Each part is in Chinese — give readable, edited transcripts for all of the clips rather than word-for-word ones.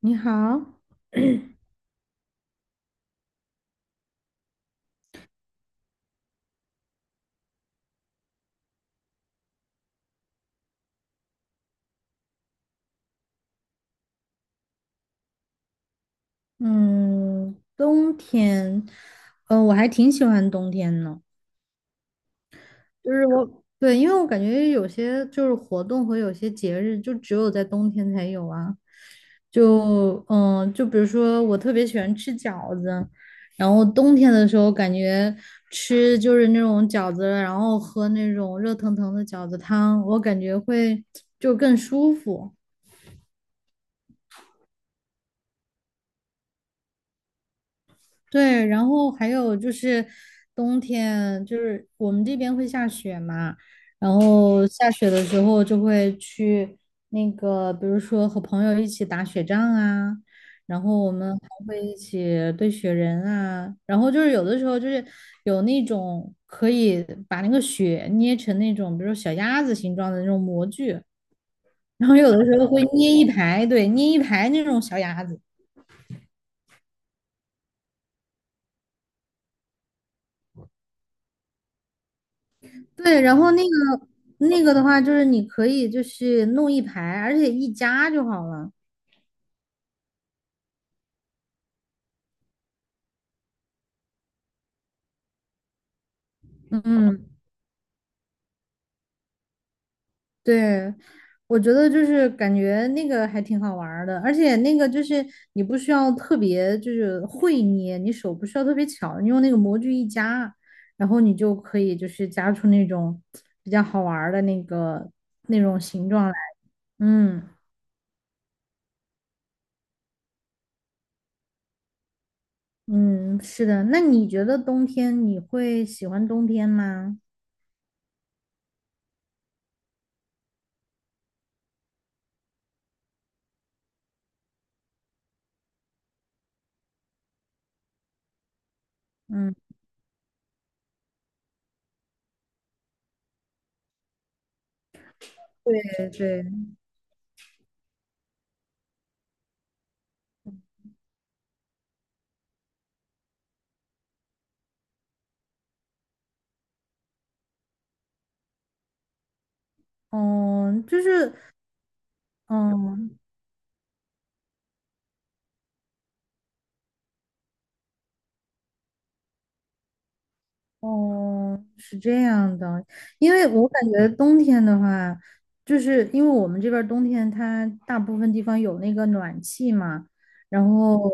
你好。嗯，冬天，我还挺喜欢冬天呢。就是我，对，因为我感觉有些活动和有些节日就只有在冬天才有啊。就比如说我特别喜欢吃饺子，然后冬天的时候感觉吃那种饺子，然后喝那种热腾腾的饺子汤，我感觉会就更舒服。对，然后还有冬天，就是我们这边会下雪嘛，然后下雪的时候就会去比如说和朋友一起打雪仗啊，然后我们还会一起堆雪人啊，然后有的时候有那种可以把那个雪捏成那种，比如说小鸭子形状的那种模具，然后有的时候会捏一排，对，捏一排那种小鸭子。对，然后那个的话，就是你可以弄一排，而且一夹就好了。嗯，对，我觉得感觉那个还挺好玩儿的，而且那个你不需要特别会捏，你手不需要特别巧，你用那个模具一夹，然后你就可以夹出那种比较好玩儿的那种形状来。嗯嗯，是的。那你觉得冬天你会喜欢冬天吗？嗯，对对。嗯，就是，嗯，哦，是这样的，因为我感觉冬天的话，就是因为我们这边儿冬天它大部分地方有那个暖气嘛，然后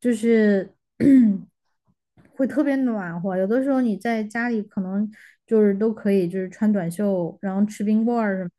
就是 会特别暖和，有的时候你在家里可能都可以穿短袖，然后吃冰棍儿什么。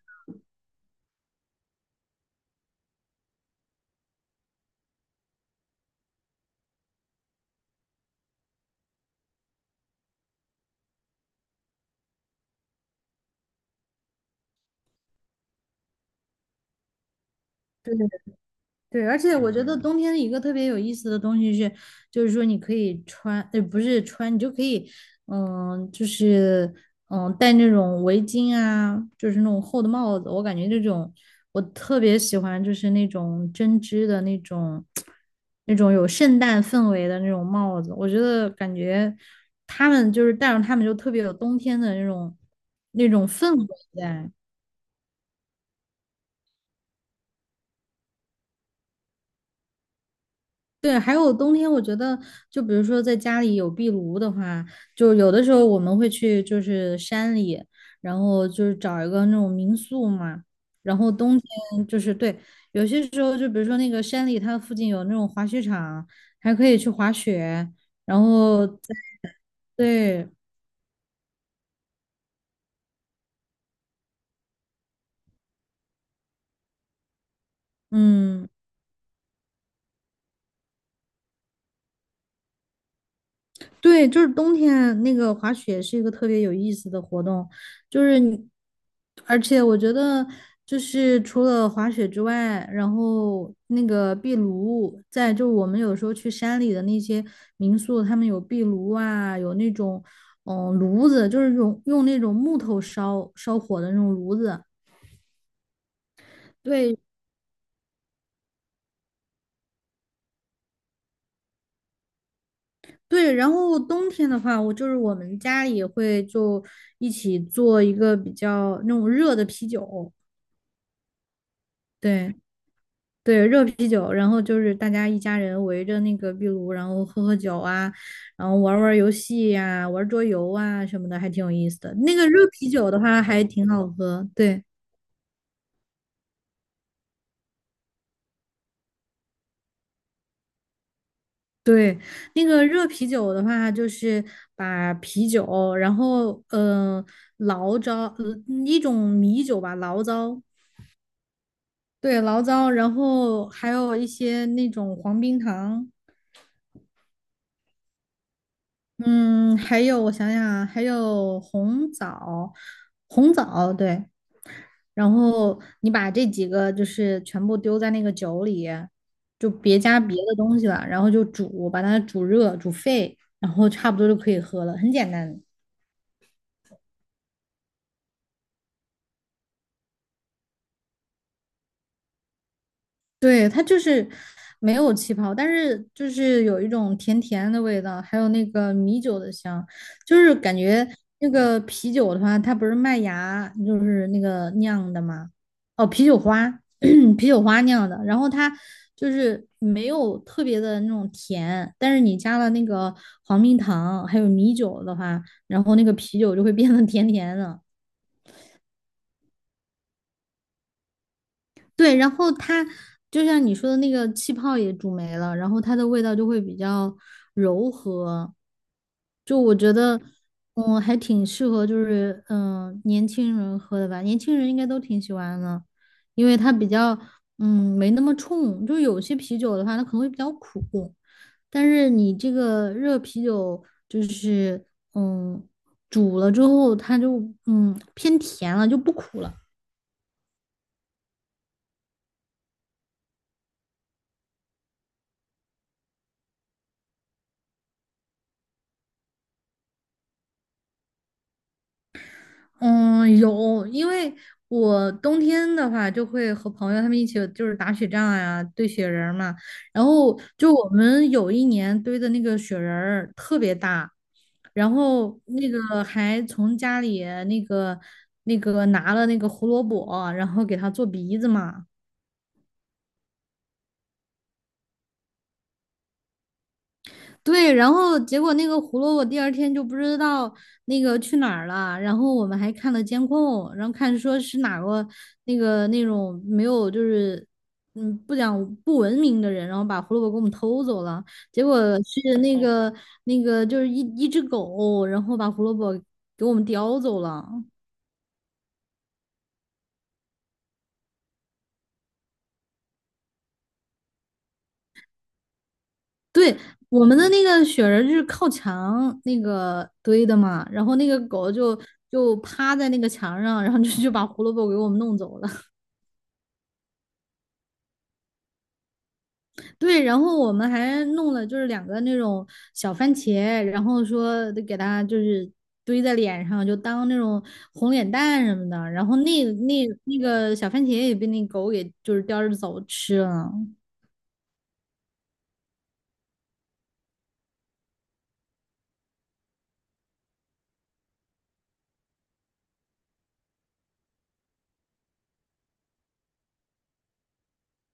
对，而且我觉得冬天一个特别有意思的东西是，就是说你可以穿，不是穿，你就可以，嗯，就是戴那种围巾啊，就是那种厚的帽子。我感觉这种我特别喜欢，就是那种针织的那种，那种有圣诞氛围的那种帽子。我觉得感觉他们戴上他们就特别有冬天的那种氛围在。对，还有冬天，我觉得就比如说在家里有壁炉的话，就有的时候我们会去山里，然后找一个那种民宿嘛。然后冬天对，有些时候就比如说那个山里，它附近有那种滑雪场，还可以去滑雪。然后在对，嗯。对，就是冬天那个滑雪是一个特别有意思的活动，就是你，而且我觉得除了滑雪之外，然后那个壁炉，在就我们有时候去山里的那些民宿，他们有壁炉啊，有那种炉子，就是用那种木头烧火的那种炉子。对对，然后冬天的话，我就是我们家里也会就一起做一个比较那种热的啤酒，对。对，热啤酒，然后就是大家一家人围着那个壁炉，然后喝喝酒啊，然后玩儿玩儿游戏呀、玩儿桌游啊什么的，还挺有意思的。那个热啤酒的话还挺好喝。对对，那个热啤酒的话就是把啤酒，然后醪糟，一种米酒吧，醪糟，对，醪糟，然后还有一些那种黄冰糖。嗯，还有我想想啊，还有红枣，红枣，对，然后你把这几个全部丢在那个酒里，就别加别的东西了，然后就煮，把它煮热，煮沸，然后差不多就可以喝了，很简单。对，它就是没有气泡，但是就是有一种甜甜的味道，还有那个米酒的香，就是感觉那个啤酒的话，它不是麦芽就是那个酿的嘛，哦，啤酒花，啤酒花酿的，然后它就是没有特别的那种甜，但是你加了那个黄冰糖还有米酒的话，然后那个啤酒就会变得甜甜的。对，然后它就像你说的那个气泡也煮没了，然后它的味道就会比较柔和。就我觉得，还挺适合，就是年轻人喝的吧，年轻人应该都挺喜欢的，因为它比较没那么冲。就有些啤酒的话，它可能会比较苦，但是你这个热啤酒就是嗯煮了之后，它就偏甜了，就不苦了。嗯，有，因为我冬天的话就会和朋友他们一起打雪仗呀、堆雪人儿嘛。然后就我们有一年堆的那个雪人儿特别大，然后那个还从家里那个拿了那个胡萝卜，然后给它做鼻子嘛。对，然后结果那个胡萝卜第二天就不知道那个去哪儿了，然后我们还看了监控，然后看说是哪个那个那种没有就是嗯不讲不文明的人，然后把胡萝卜给我们偷走了，结果是那个就是一只狗，然后把胡萝卜给我们叼走了。对，我们的那个雪人就是靠墙那个堆的嘛，然后那个狗就趴在那个墙上，然后就把胡萝卜给我们弄走了。对，然后我们还弄了两个那种小番茄，然后说得给它堆在脸上，就当那种红脸蛋什么的。然后那那个小番茄也被那狗给叼着走吃了。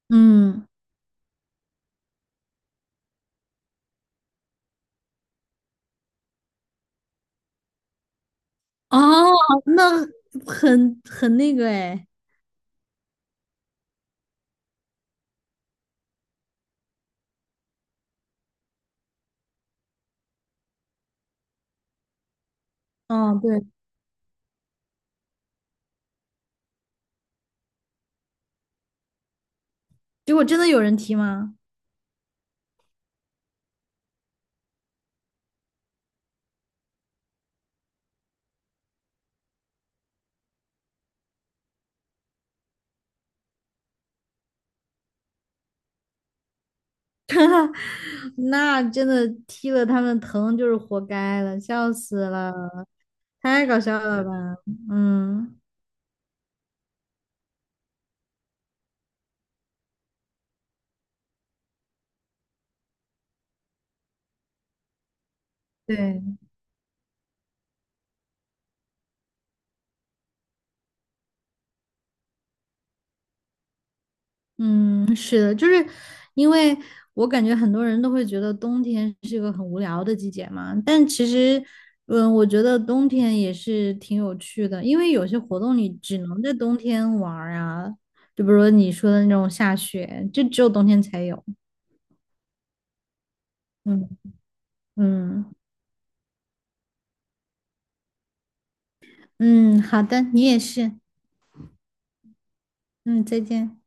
嗯，哦，那很那个哎。嗯，对，结果真的有人踢吗？那真的踢了他们疼就是活该了，笑死了，太搞笑了吧？嗯，对。嗯，是的，因为我感觉很多人都会觉得冬天是一个很无聊的季节嘛，但其实，嗯，我觉得冬天也是挺有趣的，因为有些活动你只能在冬天玩儿啊，就比如说你说的那种下雪，就只有冬天才有。嗯嗯嗯，好的，你也是。嗯，再见。